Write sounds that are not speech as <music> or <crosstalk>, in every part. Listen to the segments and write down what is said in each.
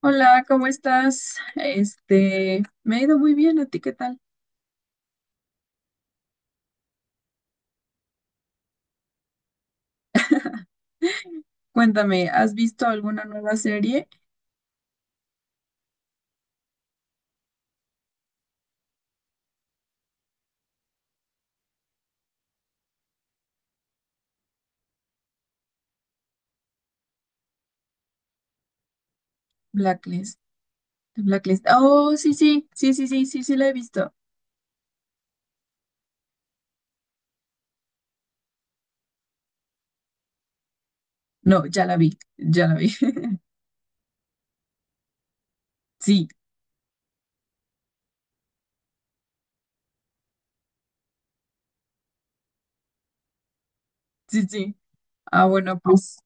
Hola, ¿cómo estás? Este, me ha ido muy bien, ¿a ti qué tal? <laughs> Cuéntame, ¿has visto alguna nueva serie? Blacklist. Blacklist. Oh, sí, sí, sí, sí, sí, sí, sí la he visto. No, ya la vi, ya la vi. <laughs> Sí, sí, sí. Ah, bueno, pues,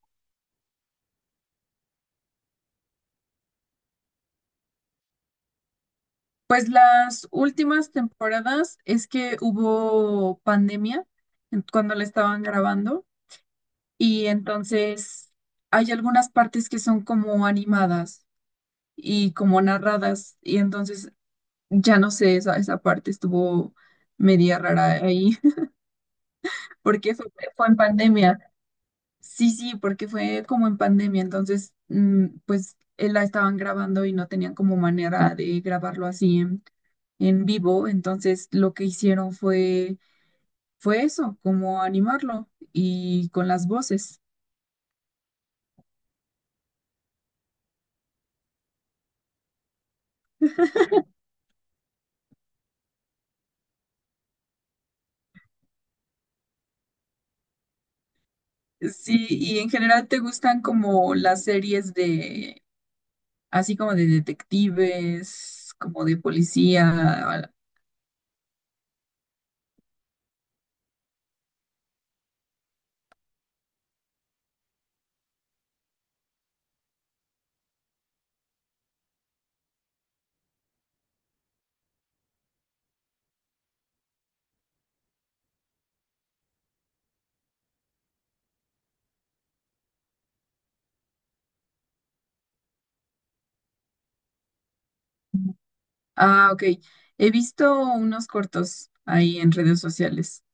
pues las últimas temporadas es que hubo pandemia cuando la estaban grabando y entonces hay algunas partes que son como animadas y como narradas. Y entonces, ya no sé, esa parte estuvo media rara ahí. <laughs> Porque fue, fue en pandemia. Sí, sí, porque fue como en pandemia. Entonces, pues la estaban grabando y no tenían como manera de grabarlo así en vivo. Entonces, lo que hicieron fue, fue eso, como animarlo y con las voces. Sí, y en general te gustan como las series de así como de detectives, como de policía. Ah, ok. He visto unos cortos ahí en redes sociales.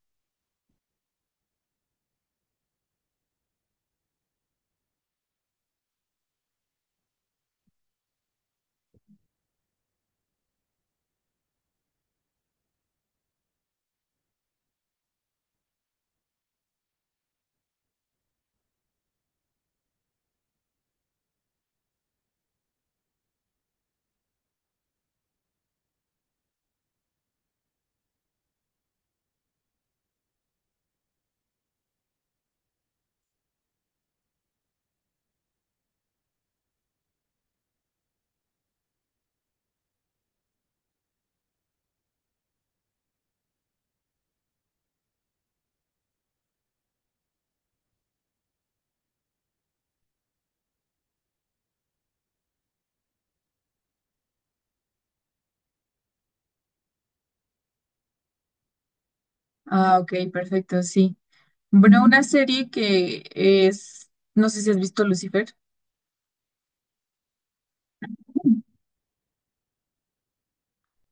Ah, ok, perfecto, sí. Bueno, una serie que es, no sé si has visto Lucifer.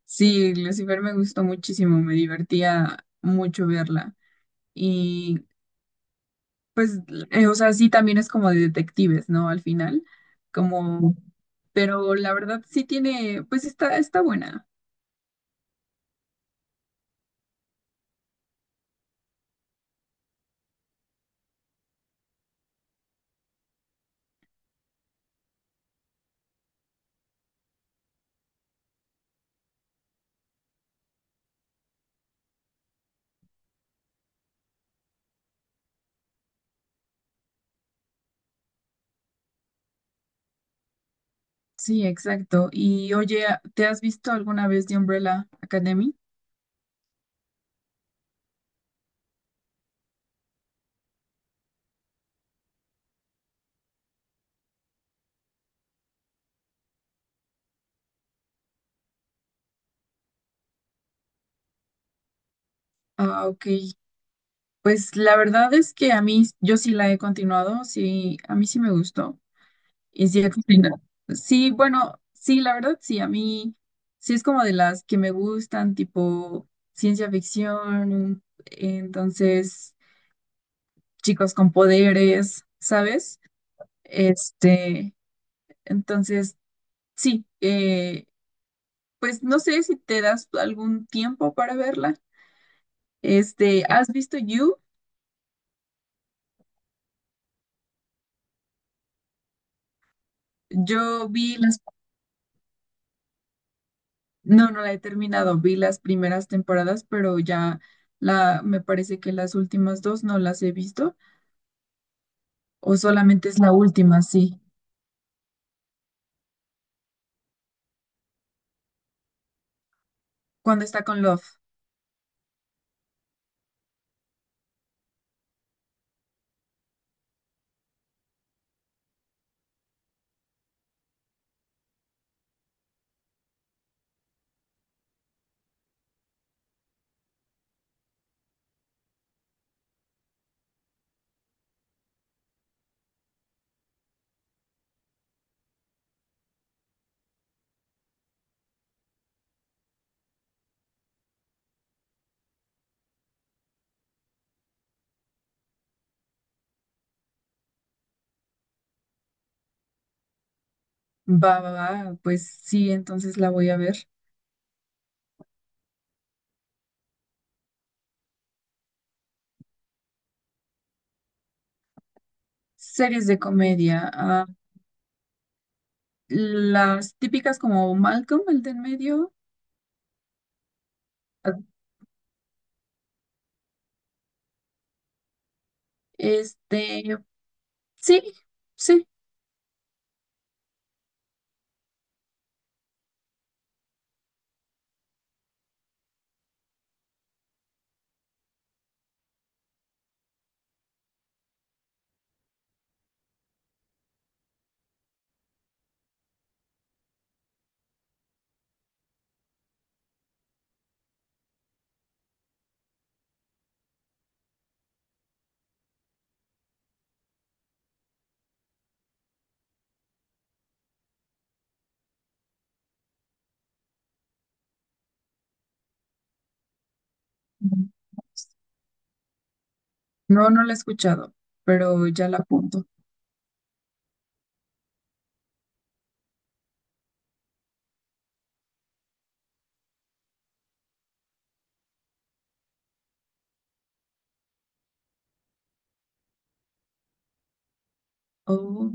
Sí, Lucifer me gustó muchísimo, me divertía mucho verla. Y pues, o sea, sí también es como de detectives, ¿no? Al final, como, pero la verdad sí tiene, pues está, está buena. Sí, exacto. Y oye, ¿te has visto alguna vez de Umbrella Academy? Ah, ok. Pues la verdad es que a mí, yo sí la he continuado, sí, a mí sí me gustó. Y sí, he continuado. Sí, bueno, sí, la verdad sí, a mí sí es como de las que me gustan, tipo ciencia ficción, entonces chicos con poderes, ¿sabes? Este, entonces sí, pues no sé si te das algún tiempo para verla. Este, ¿has visto You? Yo vi las, no, no la he terminado, vi las primeras temporadas, pero ya la, me parece que las últimas dos no las he visto, o solamente es la última, sí. Cuando está con Love, va, va, va, pues sí, entonces la voy a ver. Series de comedia, ah, las típicas como Malcolm, el de en medio, ah, este, sí, sí. No, no la he escuchado, pero ya la apunto. Ok.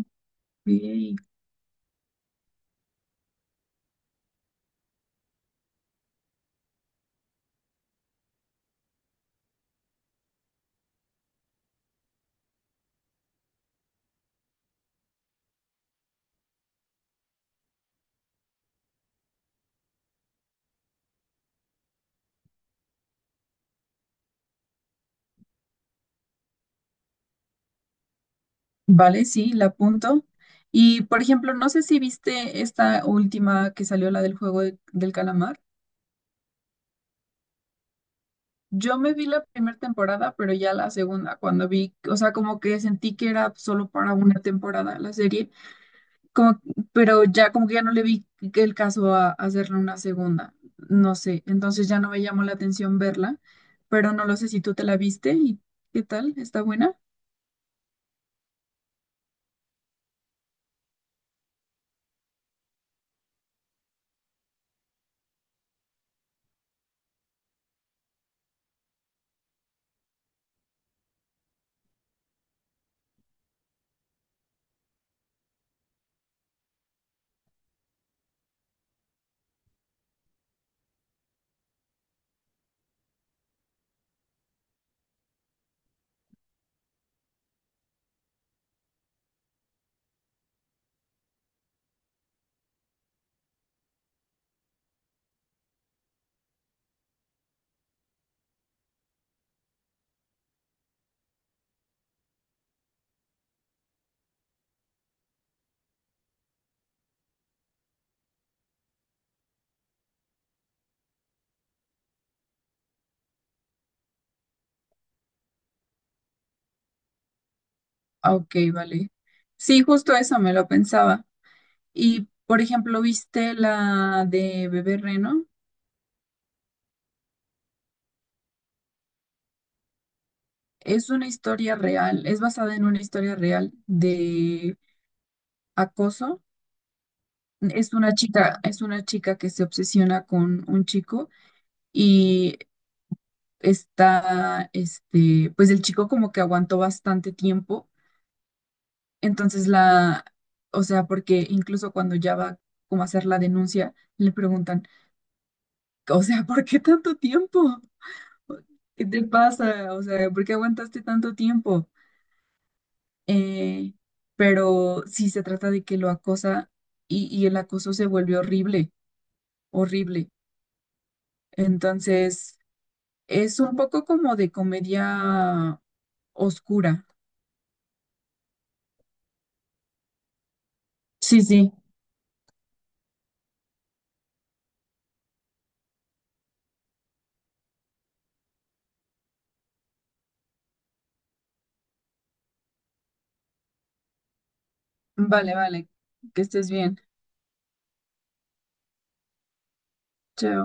Vale, sí, la apunto. Y por ejemplo, no sé si viste esta última que salió, la del del calamar. Yo me vi la primera temporada, pero ya la segunda, cuando vi, o sea, como que sentí que era solo para una temporada la serie, como, pero ya como que ya no le vi el caso a hacerle una segunda, no sé, entonces ya no me llamó la atención verla, pero no lo sé si tú te la viste y qué tal, ¿está buena? Ah, ok, vale. Sí, justo eso me lo pensaba. Y, por ejemplo, ¿viste la de Bebé Reno? Es una historia real, es basada en una historia real de acoso. Es una chica que se obsesiona con un chico y está, este, pues el chico como que aguantó bastante tiempo. Entonces la, o sea, porque incluso cuando ya va como a hacer la denuncia, le preguntan, o sea, ¿por qué tanto tiempo? ¿Qué te pasa? O sea, ¿por qué aguantaste tanto tiempo? eh, pero sí se trata de que lo acosa y el acoso se vuelve horrible, horrible. Entonces, es un poco como de comedia oscura. Sí, sí, vale, vale, que estés bien. Chao.